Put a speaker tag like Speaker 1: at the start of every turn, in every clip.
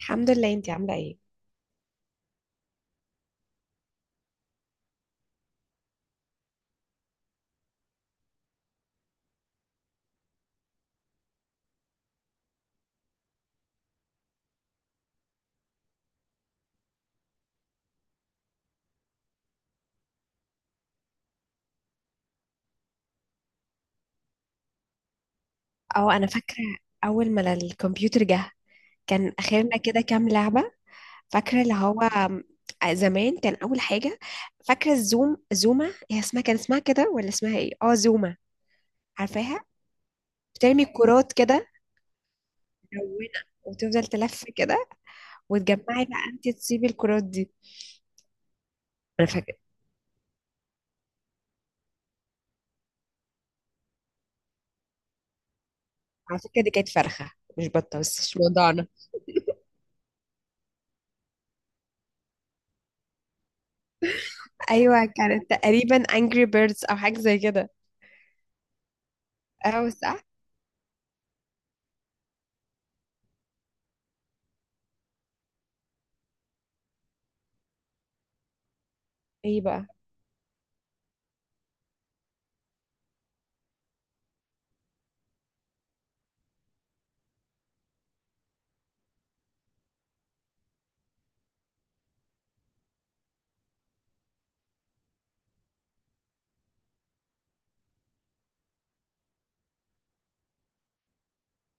Speaker 1: الحمد لله. انتي عاملة ايه؟ اه، انا فاكرة اول ما الكمبيوتر جه كان اخرنا كده كام لعبة. فاكرة اللي هو زمان كان اول حاجة. فاكرة الزوم، زوما هي اسمها، كان اسمها كده ولا اسمها ايه؟ اه، زوما، عارفاها؟ بترمي الكرات كده ملونة وتفضل تلف كده، وتجمعي بقى انتي تصيبي الكرات دي. انا فاكرة. على فكرة دي كانت فرخة مش بطة، بس مش موضوعنا. ايوه، كانت تقريبا انجري بيردز او حاجة زي كده. اه، صح؟ ايه بقى؟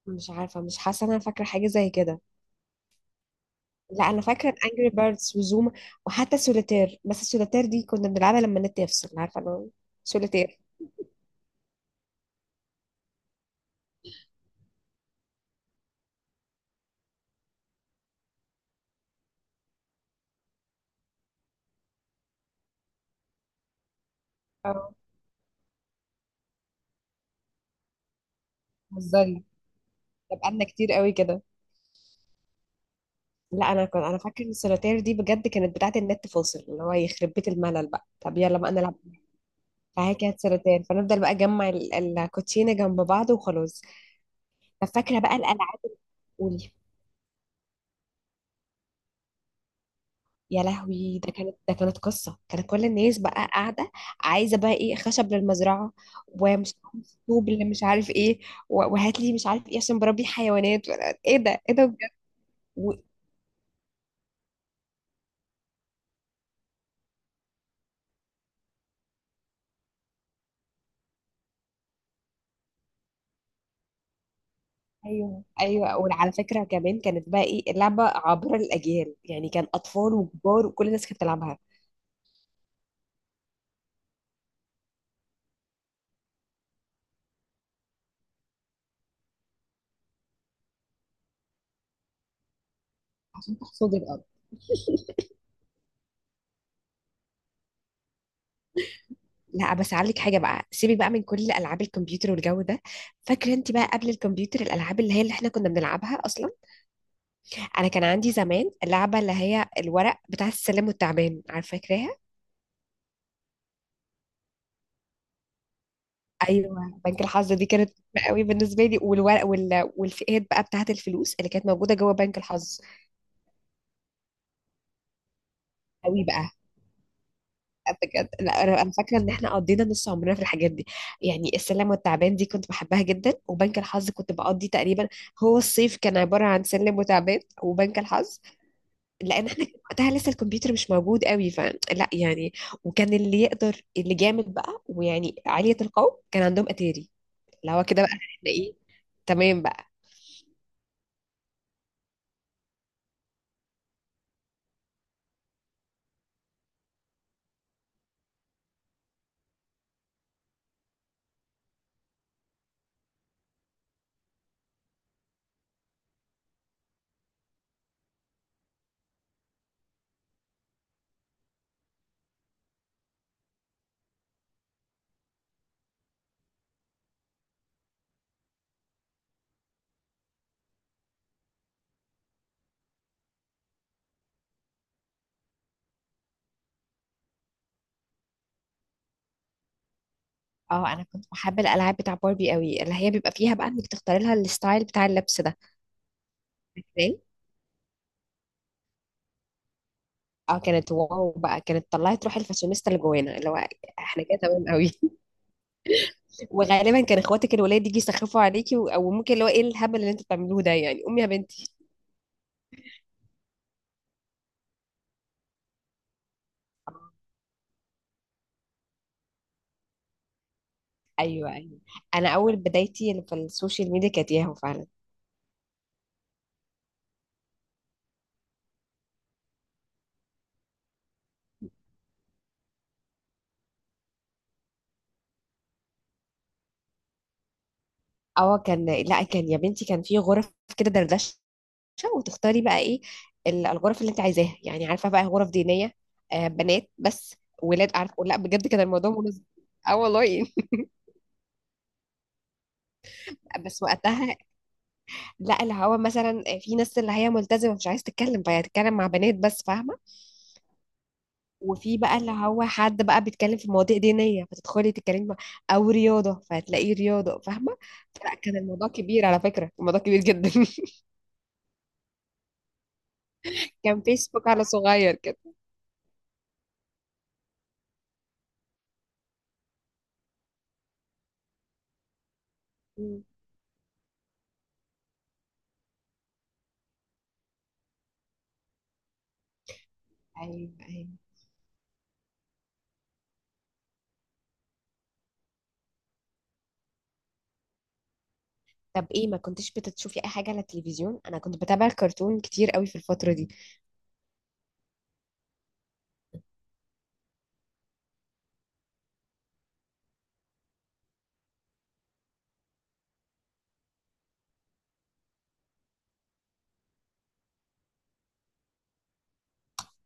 Speaker 1: مش عارفة، مش حاسة إن أنا فاكرة حاجة زي كده. لا، أنا فاكرة أنجري بيردز وزوما، وحتى سوليتير، بس السوليتير دي كنا بنلعبها لما النت يفصل، عارفة؟ أنا سوليتير. اه، بتهزري، ده بقالنا كتير قوي كده. لا، أنا فاكرة إن السوليتير دي بجد كانت بتاعة النت فاصل، اللي هو يخرب بيت الملل بقى، طب يلا بقى نلعب. فهي كانت سوليتير، فنفضل بقى نجمع الكوتشينة جنب بعض وخلاص. طب فاكرة بقى الألعاب، قولي. يا لهوي، ده كانت قصة، كانت كل الناس بقى قاعدة عايزة بقى ايه، خشب للمزرعة، ومش عارف طوب، اللي مش عارف ايه، وهات لي مش عارف ايه عشان بربي حيوانات، ايه ده، ايه ده بجد. و... ايوه ايوه، وعلى فكرة كمان كانت بقى ايه، اللعبة عابرة للأجيال يعني، كان أطفال وكبار وكل الناس كانت بتلعبها. عشان تحصد الأرض. لا، بس هقول لك حاجة بقى، سيبي بقى من كل ألعاب الكمبيوتر والجو ده، فاكرة انت بقى قبل الكمبيوتر الألعاب اللي احنا كنا بنلعبها أصلا؟ انا كان عندي زمان اللعبه اللي هي الورق بتاع السلم والتعبان، عارفه، فاكراها؟ ايوه، بنك الحظ دي كانت مهمة قوي بالنسبه لي، والورق والفئات بقى بتاعه الفلوس اللي كانت موجوده جوه بنك الحظ. قوي بقى. بجد، لا انا، أنا فاكره ان احنا قضينا نص عمرنا في الحاجات دي، يعني السلم والتعبان دي كنت بحبها جدا، وبنك الحظ كنت بقضي تقريبا، هو الصيف كان عباره عن سلم وتعبان وبنك الحظ، لان احنا كان وقتها لسه الكمبيوتر مش موجود قوي، فلا يعني. وكان اللي يقدر، اللي جامد بقى ويعني عالية القوم، كان عندهم اتاري، اللي هو كده بقى احنا ايه، تمام بقى. اه، انا كنت بحب الالعاب بتاع باربي قوي، اللي هي بيبقى فيها بقى انك تختاري لها الستايل بتاع اللبس ده. تمام. اه، كانت واو بقى، كانت طلعت روح الفاشونيستا اللي جوانا، اللي هو احنا كده تمام قوي. وغالبا كان اخواتك الولاد يجي يسخفوا عليكي، او ممكن اللي هو ايه، الهبل اللي انتوا بتعملوه ده يعني، امي يا بنتي. ايوه، ايوه. انا اول بدايتي اللي في السوشيال ميديا كانت ياهو فعلا. اه، كان، لا، كان يا بنتي، كان في غرف كده دردشه، وتختاري بقى ايه، الغرف اللي انت عايزاها، يعني عارفه بقى، غرف دينيه، آه، بنات بس، ولاد، عارف؟ لا بجد، كان الموضوع منظم. اه والله. بس وقتها، لا، اللي هو مثلا في ناس اللي هي ملتزمه مش عايزه تتكلم، فهي هتتكلم مع بنات بس، فاهمه؟ وفي بقى اللي هو حد بقى بيتكلم في مواضيع دينية، فتدخلي تتكلمي مع، أو رياضة، فهتلاقيه رياضة، فاهمة؟ فلا، كان الموضوع كبير، على فكرة الموضوع كبير جدا. كان فيسبوك على صغير كده. مم. أيوة، أيوة. طب ايه، ما كنتش بتشوفي اي حاجه على التلفزيون؟ انا كنت بتابع كرتون كتير قوي في الفتره دي.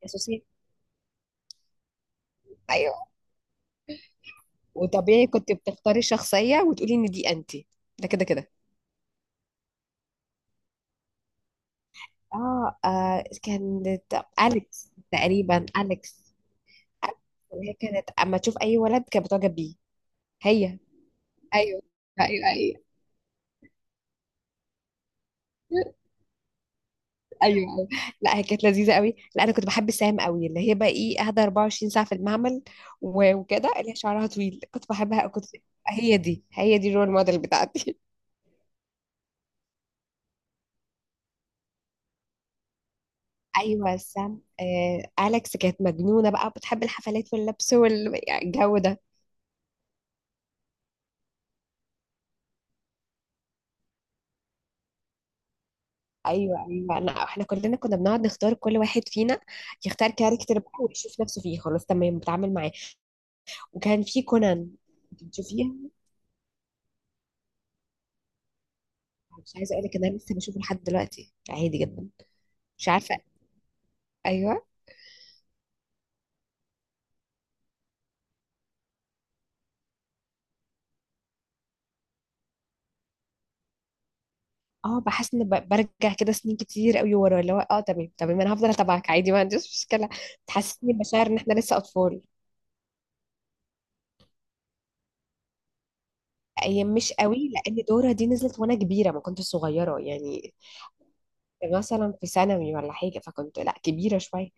Speaker 1: اساسي. ايوه، وطبيعي كنت بتختاري شخصيه وتقولي ان دي انت. ده كده كده. اه، كانت اليكس تقريبا، اليكس. هي كانت اما تشوف اي ولد كانت بتعجب بيه، هي. ايوه، ايوه، ايوه، ايوه. أيوة. لا، هي كانت لذيذه قوي. لا، انا كنت بحب سام قوي، اللي هي بقى ايه، قاعده 24 ساعه في المعمل، وكده، اللي هي شعرها طويل، كنت بحبها، هي دي الرول موديل بتاعتي. ايوه، سام، اليكس كانت مجنونه بقى، بتحب الحفلات واللبس والجو ده. ايوه ايوه، لا احنا كلنا كنا بنقعد نختار، كل واحد فينا يختار كاركتر بقى ويشوف نفسه فيه، خلاص تمام، بتعامل معاه. وكان في كونان، بتشوفيه؟ مش عايزه اقول لك ان انا لسه بشوفه لحد دلوقتي عادي جدا. مش عارفه. ايوه. اه، بحس ان برجع كده سنين كتير قوي ورا، اللي هو اه، تمام تمام، انا هفضل اتابعك عادي، ما عنديش مشكله، تحسسني بمشاعر ان احنا لسه اطفال. ايام مش قوي، لان دورة دي نزلت وانا كبيره، ما كنتش صغيره يعني، مثلا في ثانوي ولا حاجه، فكنت لا، كبيره شويه.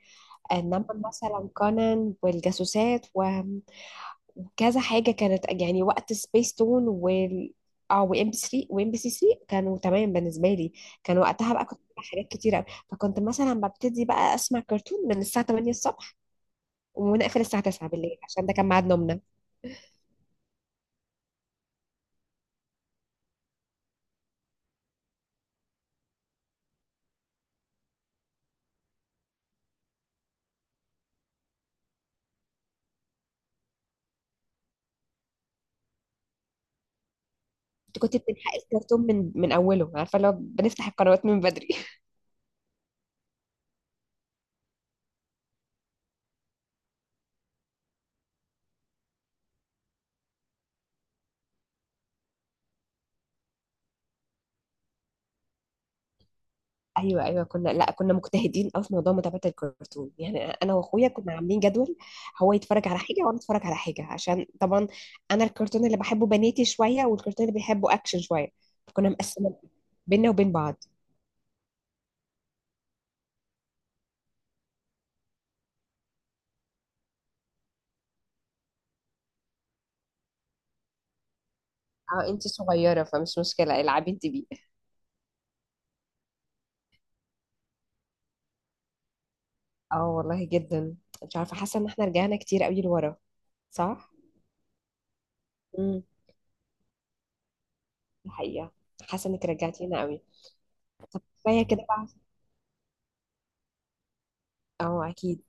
Speaker 1: انما مثلا كونان والجاسوسات، و وكذا حاجة كانت يعني وقت سبيس تون اه، وام بي 3 وام بي سي 3 كانوا تمام بالنسبة لي. كان وقتها بقى كنت بتابع حاجات كتيرة أوي، فكنت مثلا ببتدي بقى اسمع كرتون من الساعة 8 الصبح، ونقفل الساعة 9 بالليل، عشان ده كان ميعاد نومنا. كنت بنلحق الكرتون من اوله، عارفة؟ لو بنفتح القنوات من بدري. ايوه، ايوه، كنا، لا، كنا مجتهدين قوي في موضوع متابعه الكرتون، يعني انا واخويا كنا عاملين جدول، هو يتفرج على حاجه وانا اتفرج على حاجه، عشان طبعا انا الكرتون اللي بحبه بناتي شويه، والكرتون اللي بيحبه اكشن شويه، فكنا مقسمين بينا وبين بعض. اه، انت صغيره فمش مشكله، العبي انت بيه. اه والله، جدا. مش عارفه، حاسه ان احنا رجعنا كتير قوي لورا. صح. امم. الحقيقه، حاسه انك رجعتينا قوي. طب كفايه كده بقى. اه اكيد،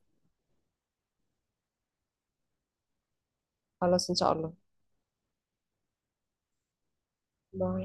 Speaker 1: خلاص ان شاء الله. باي.